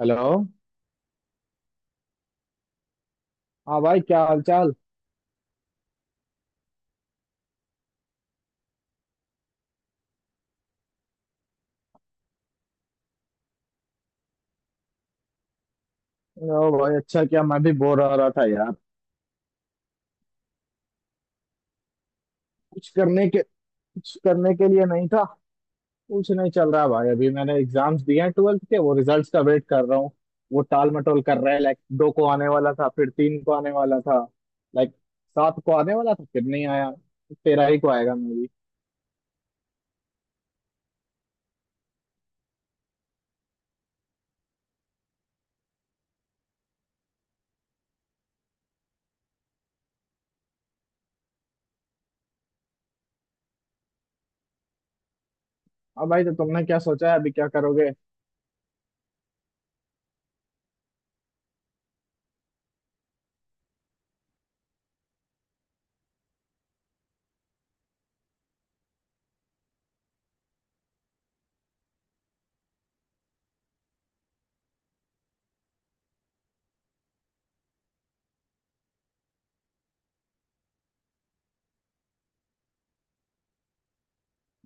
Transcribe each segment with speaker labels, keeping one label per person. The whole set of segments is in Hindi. Speaker 1: हेलो। हाँ भाई, क्या हाल चाल। ओ भाई अच्छा, क्या मैं भी बोर हो रहा था यार। कुछ करने के लिए नहीं था। कुछ नहीं चल रहा भाई, अभी मैंने एग्जाम्स दिए हैं ट्वेल्थ के, वो रिजल्ट्स का वेट कर रहा हूँ। वो टाल मटोल कर रहा है, लाइक दो को आने वाला था, फिर तीन को आने वाला था। लाइक सात को आने वाला था, फिर नहीं आया। तेरह ही को आएगा, मे भी। अब भाई तो, तुमने क्या सोचा है अभी क्या करोगे।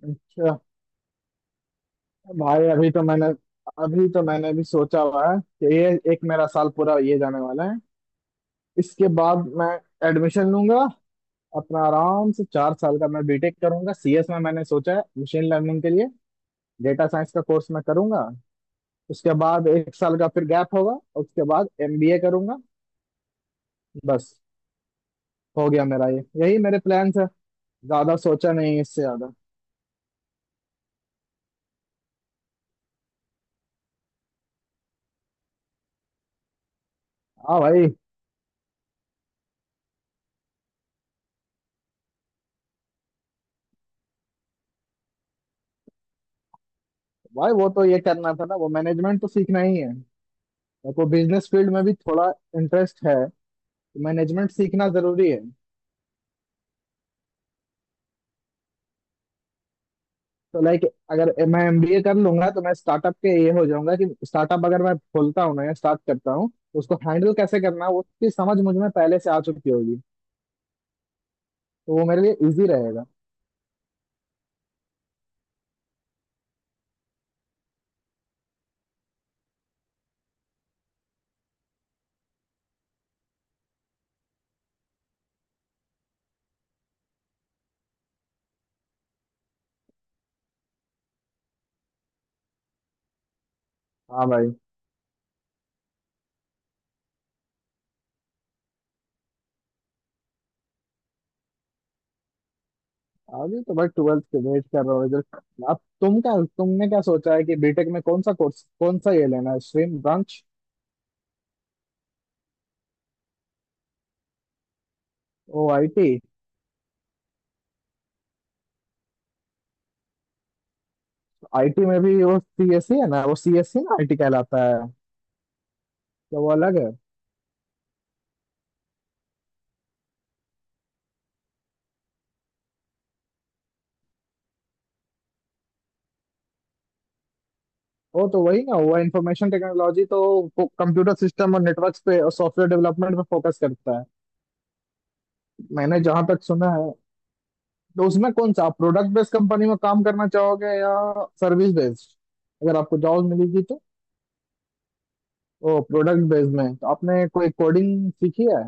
Speaker 1: अच्छा। भाई अभी तो मैंने भी सोचा हुआ है कि ये एक मेरा साल पूरा ये जाने वाला है। इसके बाद मैं एडमिशन लूंगा अपना आराम से। 4 साल का मैं बीटेक करूंगा सीएस में, मैंने सोचा है मशीन लर्निंग के लिए डेटा साइंस का कोर्स मैं करूंगा। उसके बाद एक साल का फिर गैप होगा, और उसके बाद एमबीए करूंगा। बस, हो गया मेरा ये, यही मेरे प्लान्स है। ज्यादा सोचा नहीं है इससे ज्यादा। हाँ भाई। भाई वो तो ये करना था ना, वो मैनेजमेंट तो सीखना ही है। मेरे को बिजनेस फील्ड में भी थोड़ा इंटरेस्ट है, मैनेजमेंट सीखना जरूरी है। तो लाइक, अगर मैं एमबीए कर लूंगा तो मैं स्टार्टअप के ये हो जाऊंगा कि स्टार्टअप अगर मैं खोलता हूँ ना, या स्टार्ट करता हूँ तो उसको हैंडल कैसे करना है उसकी समझ मुझ में पहले से आ चुकी होगी। तो वो मेरे लिए इजी रहेगा। हाँ भाई। अभी तो भाई ट्वेल्थ के वेट कर रहा हूँ रिजल्ट। अब तुमने क्या सोचा है कि बीटेक में कौन सा कोर्स, कौन सा ये लेना है, स्ट्रीम ब्रांच। ओ, आई टी। आई टी में भी वो सीएससी है ना, वो सीएससी ना आई टी कहलाता है। तो वो अलग है। वो तो वही ना हुआ इंफॉर्मेशन टेक्नोलॉजी तो। कंप्यूटर सिस्टम और नेटवर्क पे और सॉफ्टवेयर डेवलपमेंट पे फोकस करता है, मैंने जहां तक सुना है। तो उसमें कौन सा आप प्रोडक्ट बेस्ड कंपनी में काम करना चाहोगे या सर्विस बेस्ड, अगर आपको जॉब मिलेगी तो। ओ, प्रोडक्ट बेस्ड में तो आपने कोई कोडिंग सीखी है।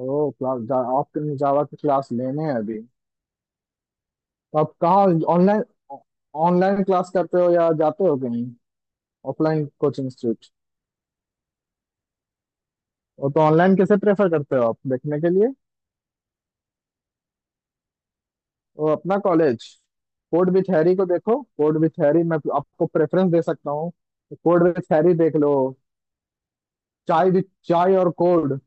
Speaker 1: ओ, क्लास। आपके जावा की क्लास लेने हैं अभी। तो आप कहाँ, ऑनलाइन, ऑनलाइन क्लास करते हो या जाते हो कहीं ऑफलाइन कोचिंग इंस्टीट्यूट। वो तो, ऑनलाइन कैसे प्रेफर करते हो आप देखने के लिए। वो अपना कॉलेज। कोड विथ हैरी को देखो, कोड विथ हैरी मैं आपको प्रेफरेंस दे सकता हूँ। कोड विथ हैरी देख लो। चाय विथ, चाय और कोड।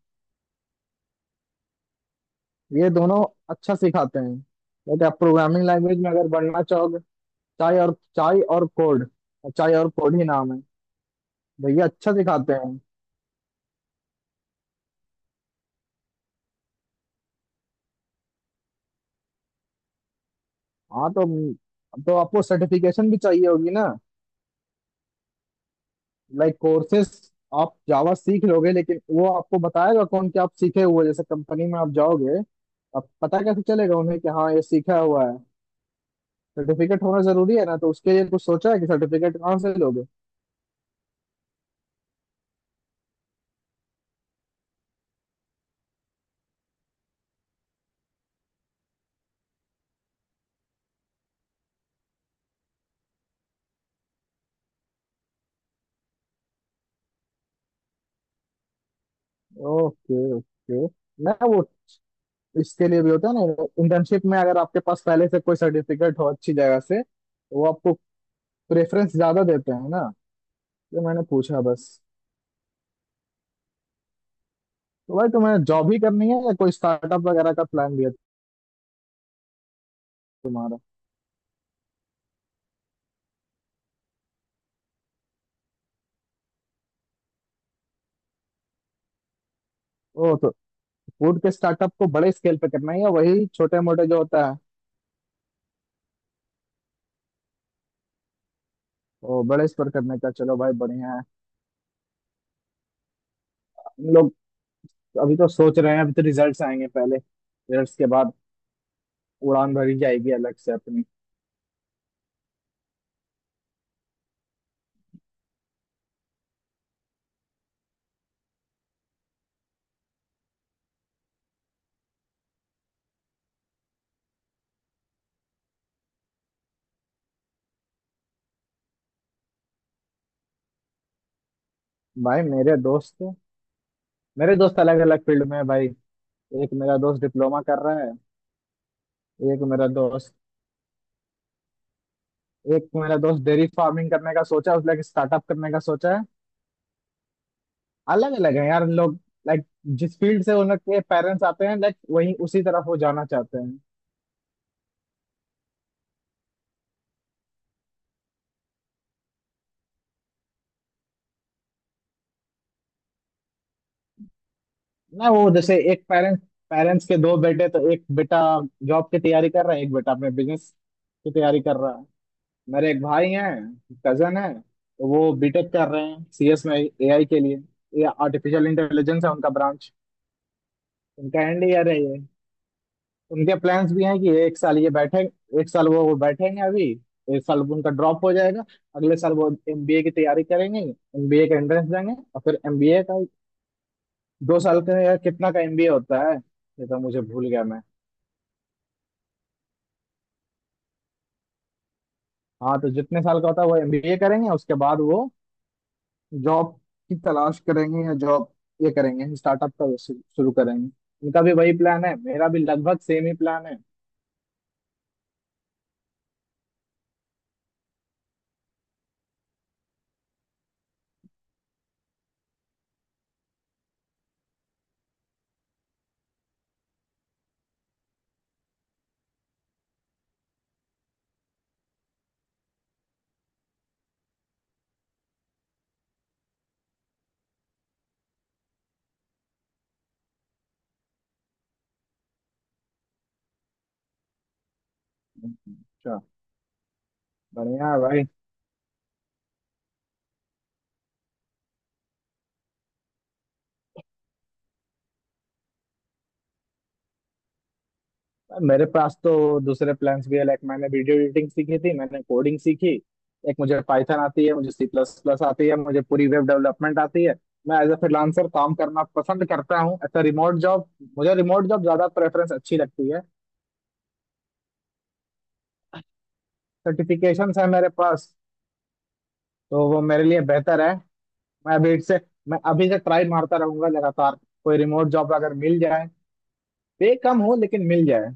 Speaker 1: ये दोनों अच्छा सिखाते हैं, लेकिन आप प्रोग्रामिंग लैंग्वेज में अगर बढ़ना चाहोगे। चाय और कोड, चाय और कोड ही नाम है। भैया अच्छा सिखाते हैं। हाँ तो, आपको सर्टिफिकेशन भी चाहिए होगी ना, लाइक कोर्सेस। आप जावा सीख लोगे, लेकिन वो आपको बताएगा कौन कि आप सीखे हुए, जैसे कंपनी में आप जाओगे अब पता कैसे चलेगा उन्हें कि हाँ ये सीखा हुआ है। सर्टिफिकेट होना जरूरी है ना, तो उसके लिए कुछ सोचा है कि सर्टिफिकेट कहाँ से लोगे। Okay okay. ना, वो इसके लिए भी होता है ना, इंटर्नशिप में अगर आपके पास पहले से कोई सर्टिफिकेट हो अच्छी जगह से तो वो आपको प्रेफरेंस ज्यादा देते हैं ना। तो मैंने पूछा बस। तो भाई, तुम्हें जॉब ही करनी है या कोई स्टार्टअप वगैरह का प्लान भी है तुम्हारा। ओ तो, फूड के स्टार्टअप को बड़े स्केल पे करना है या वही छोटे मोटे जो होता है। वो बड़े स्तर करने का, चलो भाई बढ़िया है। हम लोग अभी तो सोच रहे हैं, अभी तो रिजल्ट्स आएंगे पहले, रिजल्ट्स के बाद उड़ान भरी जाएगी अलग से अपनी। भाई मेरे दोस्त अलग अलग फील्ड में है भाई। एक मेरा दोस्त डिप्लोमा कर रहा है। एक मेरा दोस्त एक मेरा दोस्त डेयरी फार्मिंग करने का सोचा है, उसने एक स्टार्टअप करने का सोचा है। अलग अलग है यार लोग, लाइक जिस फील्ड से उनके पेरेंट्स आते हैं, लाइक वही उसी तरफ वो जाना चाहते हैं। ना, वो जैसे एक पेरेंट्स पेरेंट्स के दो बेटे, तो एक बेटा जॉब की तैयारी कर रहा है, एक बेटा अपने बिजनेस की तैयारी कर रहा है। मेरे एक भाई हैं, कजन है, तो वो बीटेक कर रहे हैं सीएस में एआई के लिए। ये आर्टिफिशियल इंटेलिजेंस है उनका ब्रांच। उनका एंड ईयर है ये। उनके प्लान्स भी हैं कि एक साल ये बैठे, एक साल वो बैठेंगे अभी, एक साल उनका ड्रॉप हो जाएगा, अगले साल वो एमबीए की तैयारी करेंगे। एमबीए का एंट्रेंस देंगे और फिर एमबीए का 2 साल का या कितना का एमबीए होता है ये तो मुझे भूल गया मैं। हाँ तो, जितने साल का होता है वो एमबीए करेंगे, उसके बाद वो जॉब की तलाश करेंगे, या जॉब ये करेंगे, स्टार्टअप का शुरू करेंगे। इनका भी वही प्लान है, मेरा भी लगभग सेम ही प्लान है। अच्छा। बढ़िया है भाई। मेरे पास तो दूसरे प्लान्स भी है। लाइक मैंने वीडियो एडिटिंग सीखी थी, मैंने कोडिंग सीखी। एक, मुझे पाइथन आती है, मुझे सी प्लस प्लस आती है, मुझे पूरी वेब डेवलपमेंट आती है। मैं एज ए फ्रीलांसर काम करना पसंद करता हूँ, एज रिमोट जॉब। मुझे रिमोट जॉब ज्यादा प्रेफरेंस अच्छी लगती है। सर्टिफिकेशंस है मेरे पास, तो वो मेरे लिए बेहतर। मैं अभी से मैं अभी से ट्राई मारता रहूंगा लगातार। कोई रिमोट जॉब अगर मिल जाए, पे कम हो लेकिन मिल जाए।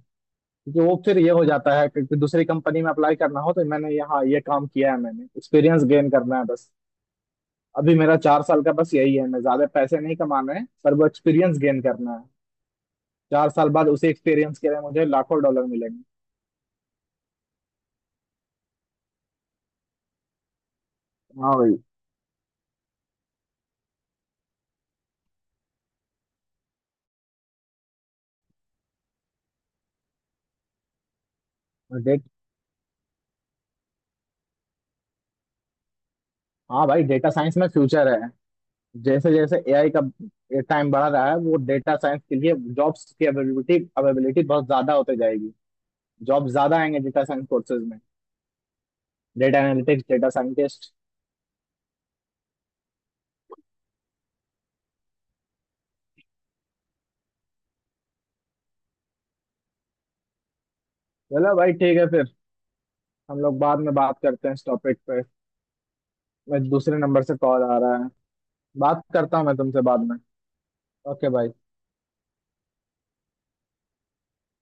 Speaker 1: क्योंकि वो फिर ये हो जाता है कि दूसरी कंपनी में अप्लाई करना हो तो मैंने यहाँ ये काम किया है, मैंने एक्सपीरियंस गेन करना है बस। अभी मेरा 4 साल का बस यही है, मैं ज्यादा पैसे नहीं कमाना है पर वो एक्सपीरियंस गेन करना है। 4 साल बाद उसी एक्सपीरियंस के लिए मुझे लाखों डॉलर मिलेंगे। हाँ भाई। डेट हाँ भाई, डेटा साइंस में फ्यूचर है। जैसे जैसे एआई का टाइम बढ़ रहा है, वो डेटा साइंस के लिए जॉब्स की अवेलेबिलिटी अवेलेबिलिटी बहुत ज्यादा होते जाएगी। जॉब ज्यादा आएंगे डेटा साइंस कोर्सेज में, डेटा एनालिटिक्स, डेटा साइंटिस्ट। चलो भाई ठीक है फिर, हम लोग बाद में बात करते हैं इस टॉपिक पे। मैं, दूसरे नंबर से कॉल आ रहा है, बात करता हूँ मैं तुमसे बाद में। ओके भाई।